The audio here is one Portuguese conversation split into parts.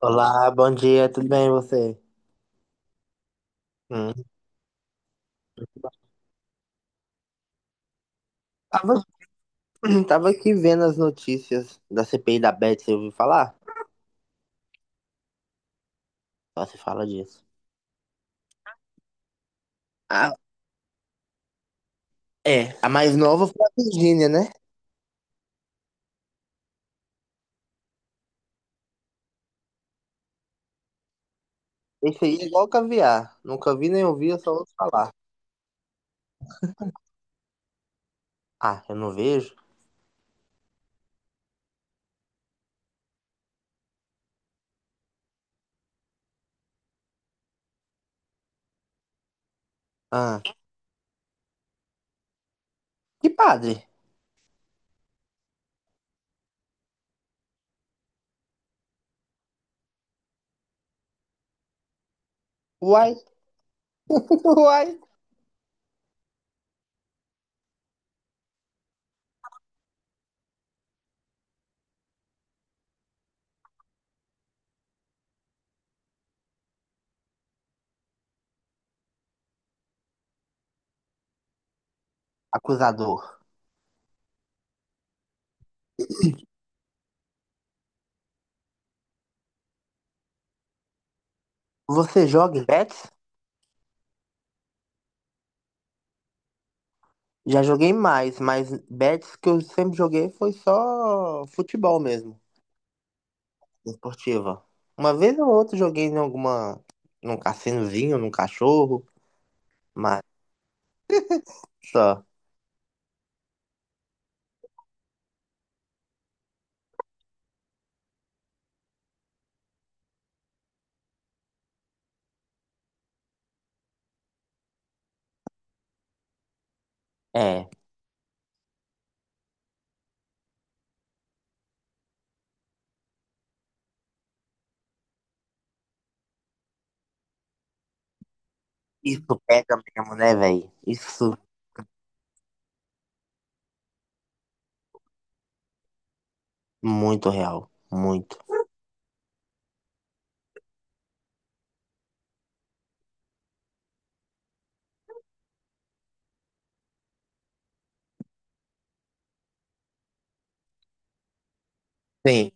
Olá, bom dia, tudo bem e você? Hum. Tava, tava aqui vendo as notícias da CPI da Beth, você ouviu falar? Só se fala disso. Ah, é. A mais nova foi a Virgínia, né? Esse aí é igual caviar. Nunca vi nem ouvi, eu só ouço falar. Ah, eu não vejo? Ah, que padre? Uai, uai. Acusador, você joga em bets? Já joguei mais, mas bets que eu sempre joguei foi só futebol mesmo. Esportiva. Uma vez ou outra joguei em alguma, num cassinozinho, num cachorro, mas só. É. Isso pega mesmo, né, velho? Isso muito real. Muito. Sim.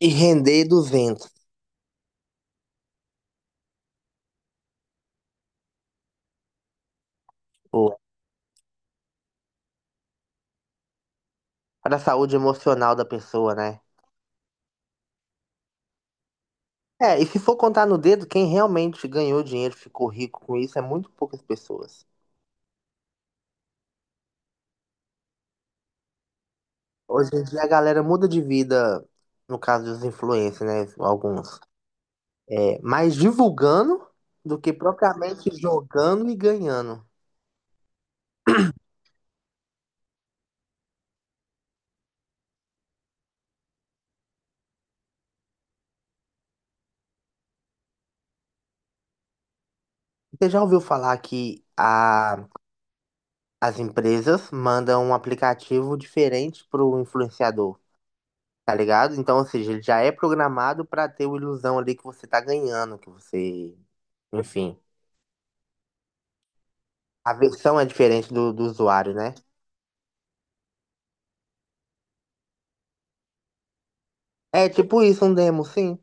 E render 200, pô. Para a saúde emocional da pessoa, né? É, e se for contar no dedo, quem realmente ganhou dinheiro, ficou rico com isso, é muito poucas pessoas. Hoje em dia a galera muda de vida, no caso dos influencers, né? Alguns. É, mais divulgando do que propriamente jogando e ganhando. Você já ouviu falar que as empresas mandam um aplicativo diferente para o influenciador, tá ligado? Então, ou seja, ele já é programado para ter uma ilusão ali que você tá ganhando, que você, enfim, a versão é diferente do usuário, né? É tipo isso, um demo, sim.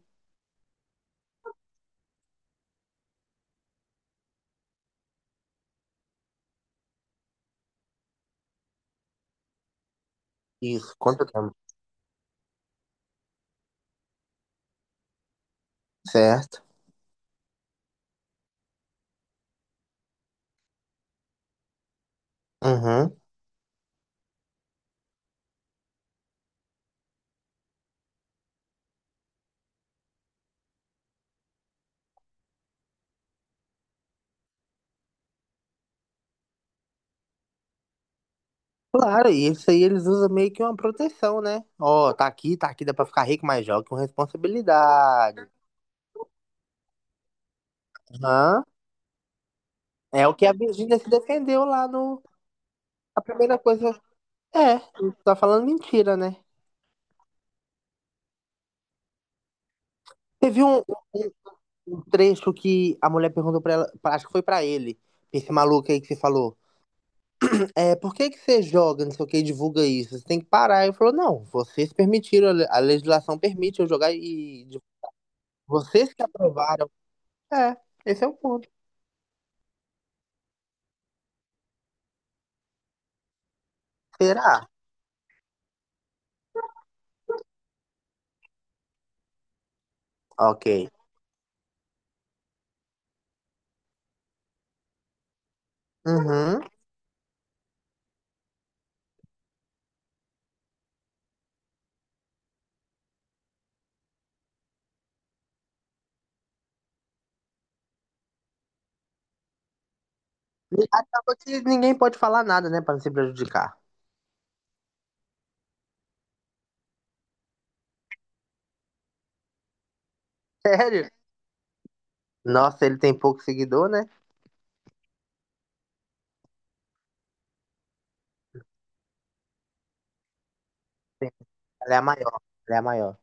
Isso, quanto tempo? Certo. Uhum. Claro, e isso aí eles usam meio que uma proteção, né? Ó, tá aqui, dá pra ficar rico, mas joga com responsabilidade. Aham. É o que a Virgínia se defendeu lá no. A primeira coisa. É, tá falando mentira, né? Teve um um trecho que a mulher perguntou pra ela, acho que foi pra ele, esse maluco aí que você falou. É, por que que você joga, não sei o que, e divulga isso? Você tem que parar. Ele falou, não, vocês permitiram, a legislação permite eu jogar e divulgar. Vocês que aprovaram. É, esse é o ponto. Será? Ok. Uhum. E acaba que ninguém pode falar nada, né? Pra não se prejudicar. Sério? Nossa, ele tem pouco seguidor, né? Sim, ela é a maior. Ela é a maior.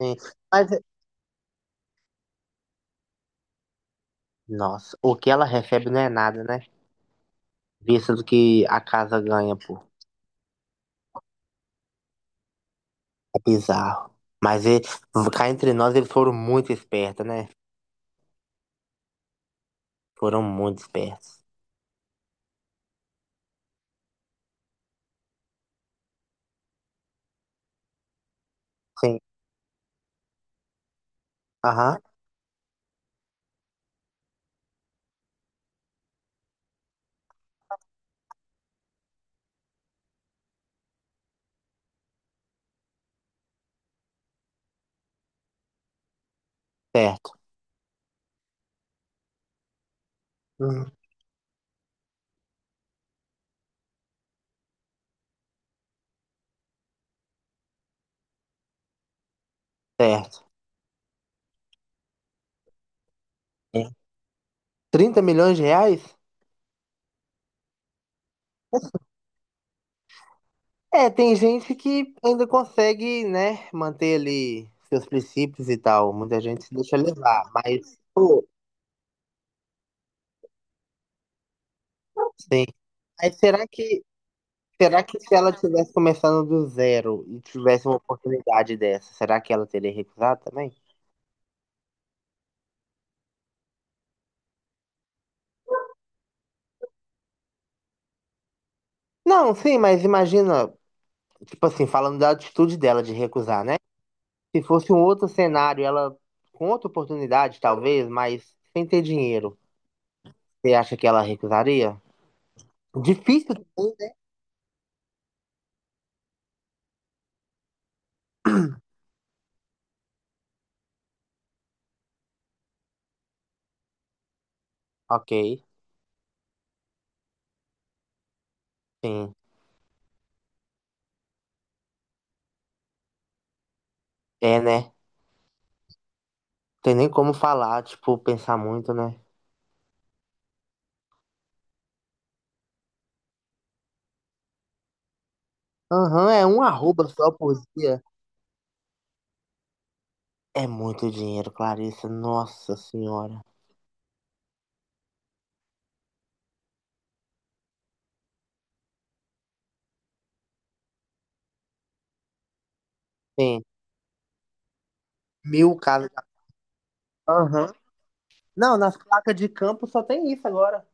Sim. Mas, nossa, o que ela recebe não é nada, né? Visto do que a casa ganha, pô. É bizarro. Mas ele, cá entre nós, eles foram muito espertos, né? Foram muito espertos. Sim. Aham. Certo. Uhum. Certo. É. 30 milhões de reais? É, tem gente que ainda consegue, né, manter ali seus princípios e tal. Muita gente se deixa levar, mas, pô, sim. Mas será que se ela tivesse começando do zero e tivesse uma oportunidade dessa, será que ela teria recusado também? Não, sim, mas imagina, tipo assim, falando da atitude dela de recusar, né? Se fosse um outro cenário, ela com outra oportunidade, talvez, mas sem ter dinheiro, você acha que ela recusaria? Difícil também, né? Ok, sim. É, né? Tem nem como falar, tipo, pensar muito, né? Aham, é um arroba só por dia. É muito dinheiro, Clarissa. Nossa senhora. Tem mil casas. Aham. Não, nas placas de campo só tem isso agora.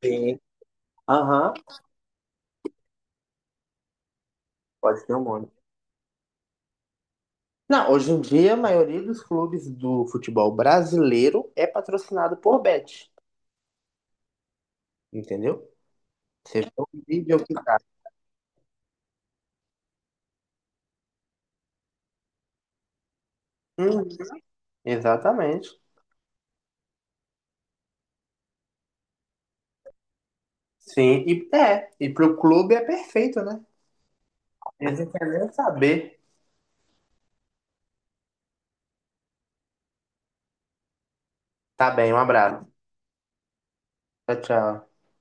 Sim. Aham. Pode ter um monte. Não, hoje em dia a maioria dos clubes do futebol brasileiro é patrocinado por Bet. Entendeu? Seja o vídeo que tá. Uhum, exatamente. Sim, e é. E pro clube é perfeito, né? Eles não querem nem saber. Tá bem, um abraço. Tchau, tchau.